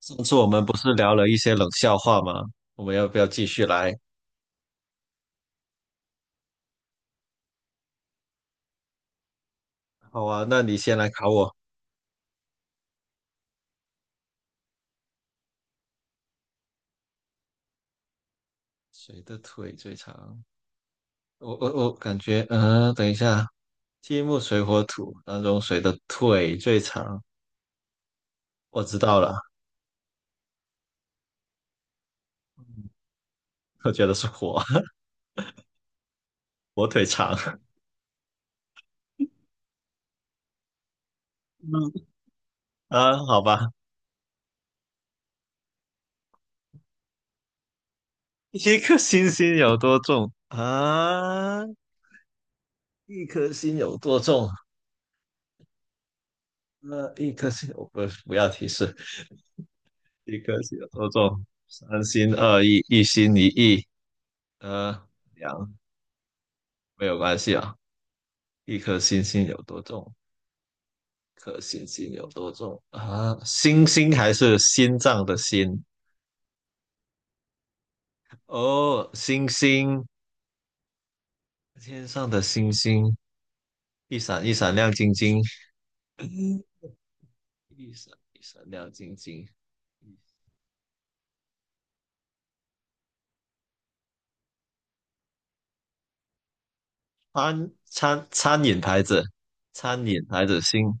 上次我们不是聊了一些冷笑话吗？我们要不要继续来？好啊，那你先来考我。谁的腿最长？我感觉，等一下，金木水火土当中谁的腿最长？我知道了，我觉得是火，火腿肠。嗯啊，好吧，一颗星星有多重啊？一颗星有多重？那、一颗星，我不要提示，一颗星有多重？三心二意，一心一意。呃，两没有关系啊。一颗星星有多重？一颗星星有多重啊？星星还是心脏的心？哦，星星，天上的星星，一闪一闪亮晶晶，嗯，一闪一闪亮晶晶。餐饮牌子，餐饮牌子星，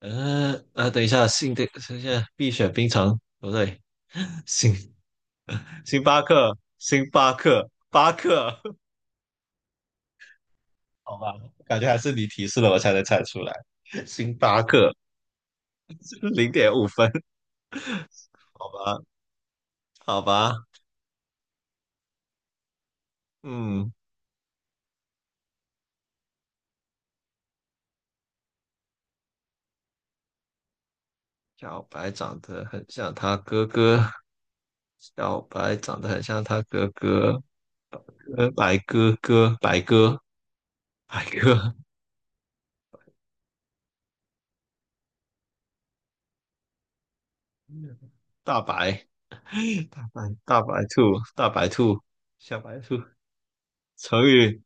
等一下，星的，等一下，碧雪冰城不对，星星巴克，巴克，好吧，感觉还是你提示了我才能猜出来。星巴克 零点五分，好吧，好吧，嗯，小白长得很像他哥哥，小白长得很像他哥哥，呃，白哥哥，白哥，白哥，大白，大白，大白兔，大白兔，小白兔，成语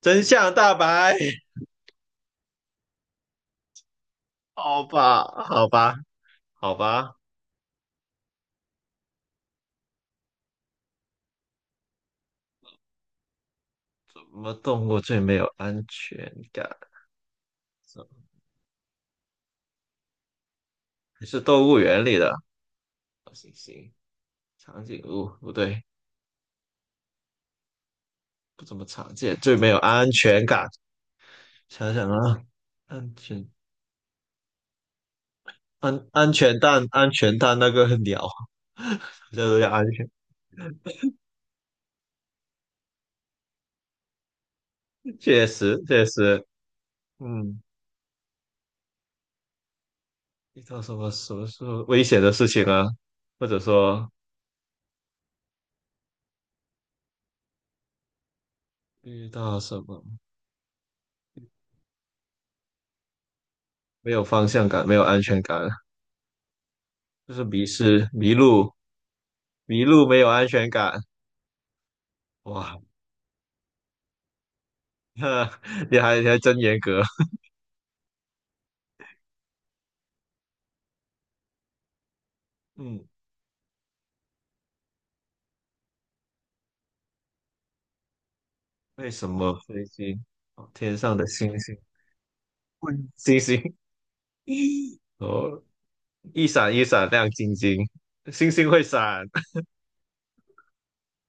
真相大白，好吧，好吧，好吧，什么动物最没有安全感？你是动物园里的行，长颈鹿不对，不怎么常见，最没有安全感。想想啊，安全安全蛋那个鸟，这都叫安全，确实，嗯，遇到什么时候危险的事情啊，或者说遇到什么没有方向感、没有安全感，就是迷失、迷路、迷路没有安全感，哇，你还真严格，嗯。为什么飞机？哦天上的星星，嗯星星，哦，一闪一闪亮晶晶，星星会闪，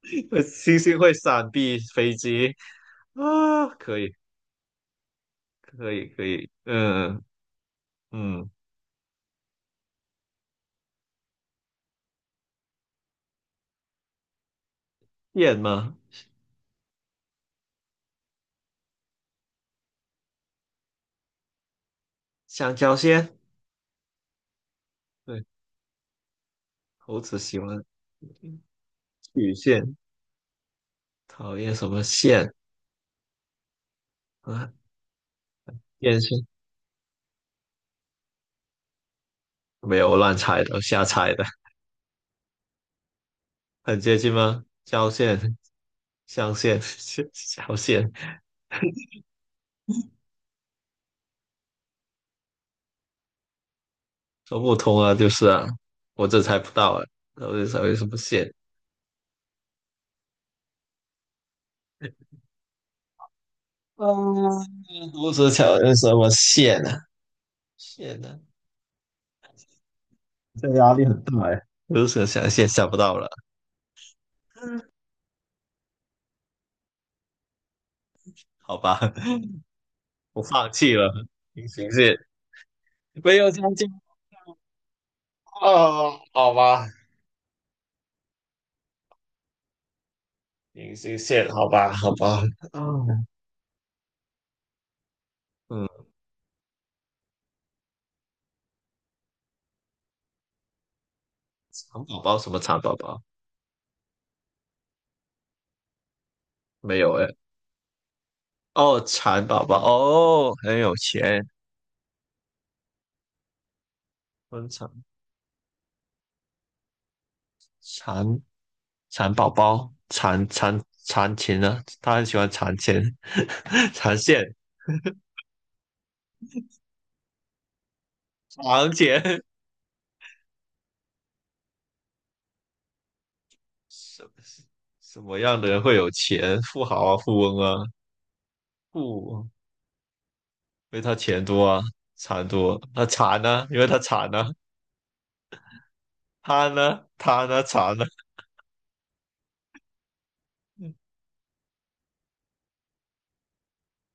星星会闪避飞机啊！可以，可以，可以，嗯嗯，燕吗？香蕉线，对，猴子喜欢曲线，讨厌什么线啊？电线没有我乱猜的，我瞎猜的，很接近吗？交线、象线、小线。说不通啊，就是啊，我这猜不到啊，到底什为什么线？嗯，如蛇桥有什么线呢、啊线呢、啊这压力很大哎，此蛇桥线想不到了，好吧，我放弃了。隐形线没有相近哦，好吧，隐形线，好吧，好吧，哦，嗯，蚕宝宝没有哎？哦，蚕宝宝哦，很有钱，温蚕蚕蚕宝宝，蚕蚕蚕钱呢？他很喜欢蚕钱、蚕线、藏钱。什么什么样的人会有钱？富豪啊，富翁啊，富，因为他钱多啊，蚕多。那蚕呢？因为他蚕呢、他呢？他呢？蚕呢？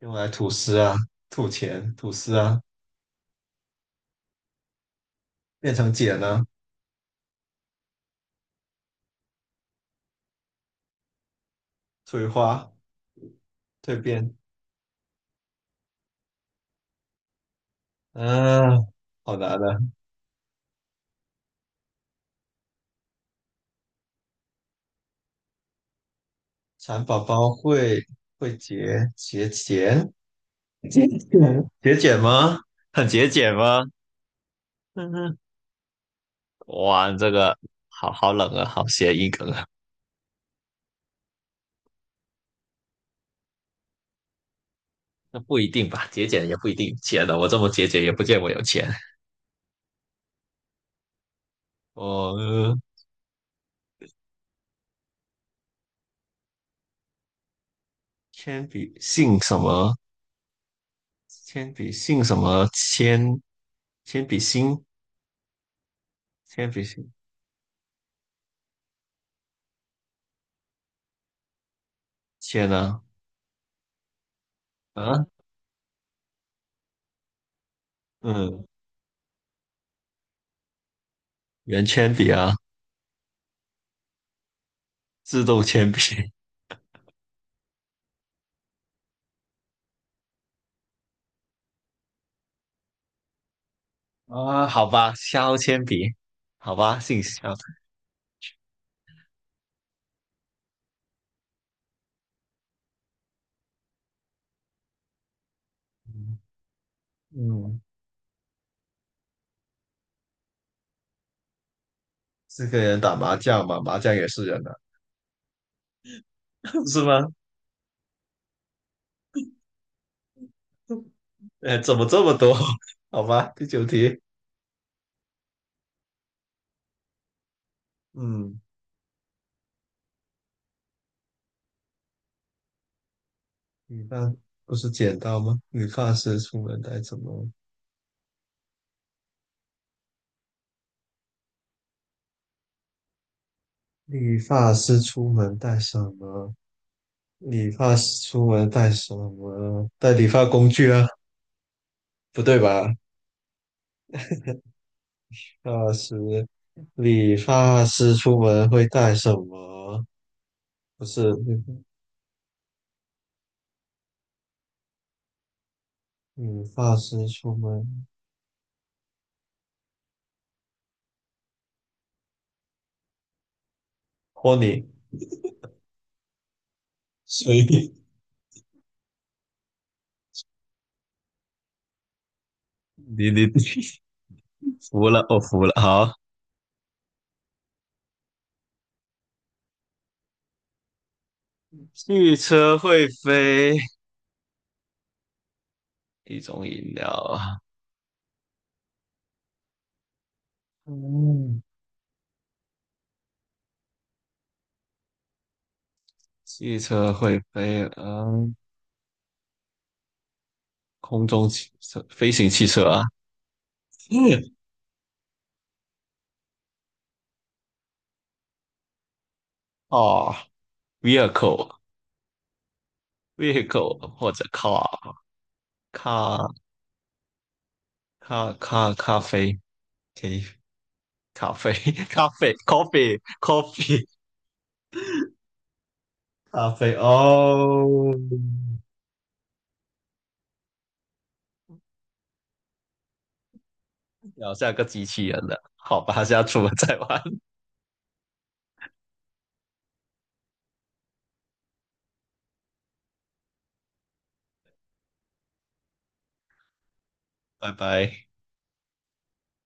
用来吐丝啊，吐钱，吐丝啊，变成茧呢、啊，退化、蜕变。啊，好难的。蚕宝宝会会节节俭节俭节俭吗？很节俭吗？嗯哼，哇，这个好冷啊，好谐音梗啊。那不一定吧，节俭也不一定钱的。我这么节俭也不见我有钱。哦，铅笔姓什么？铅笔姓什么？铅笔芯，铅笔芯，铅啊啊，嗯，圆铅笔啊，自动铅笔。啊，好吧，削铅笔，好吧，姓削，嗯，四个人打麻将嘛，麻将也是人啊。是吗？哎，怎么这么多？好吧，第九题，嗯，理发不是剪刀吗？理发师出门带什么？理发师出门带什么？理发师出门带什么？带理发工具啊？不对吧？那是理发师出门会带什么？不是理理发师出门。托尼，随以你，服了，我服了。好，汽车会飞，一种饮料啊。嗯，汽车会飞，嗯，空中汽车，飞行汽车啊。嗯，哦，vehicle vehicle 或者 car car 咖啡，OK，咖啡 咖啡 coffee 咖啡哦，聊下个机器人了，好吧，下次我们再玩。拜拜。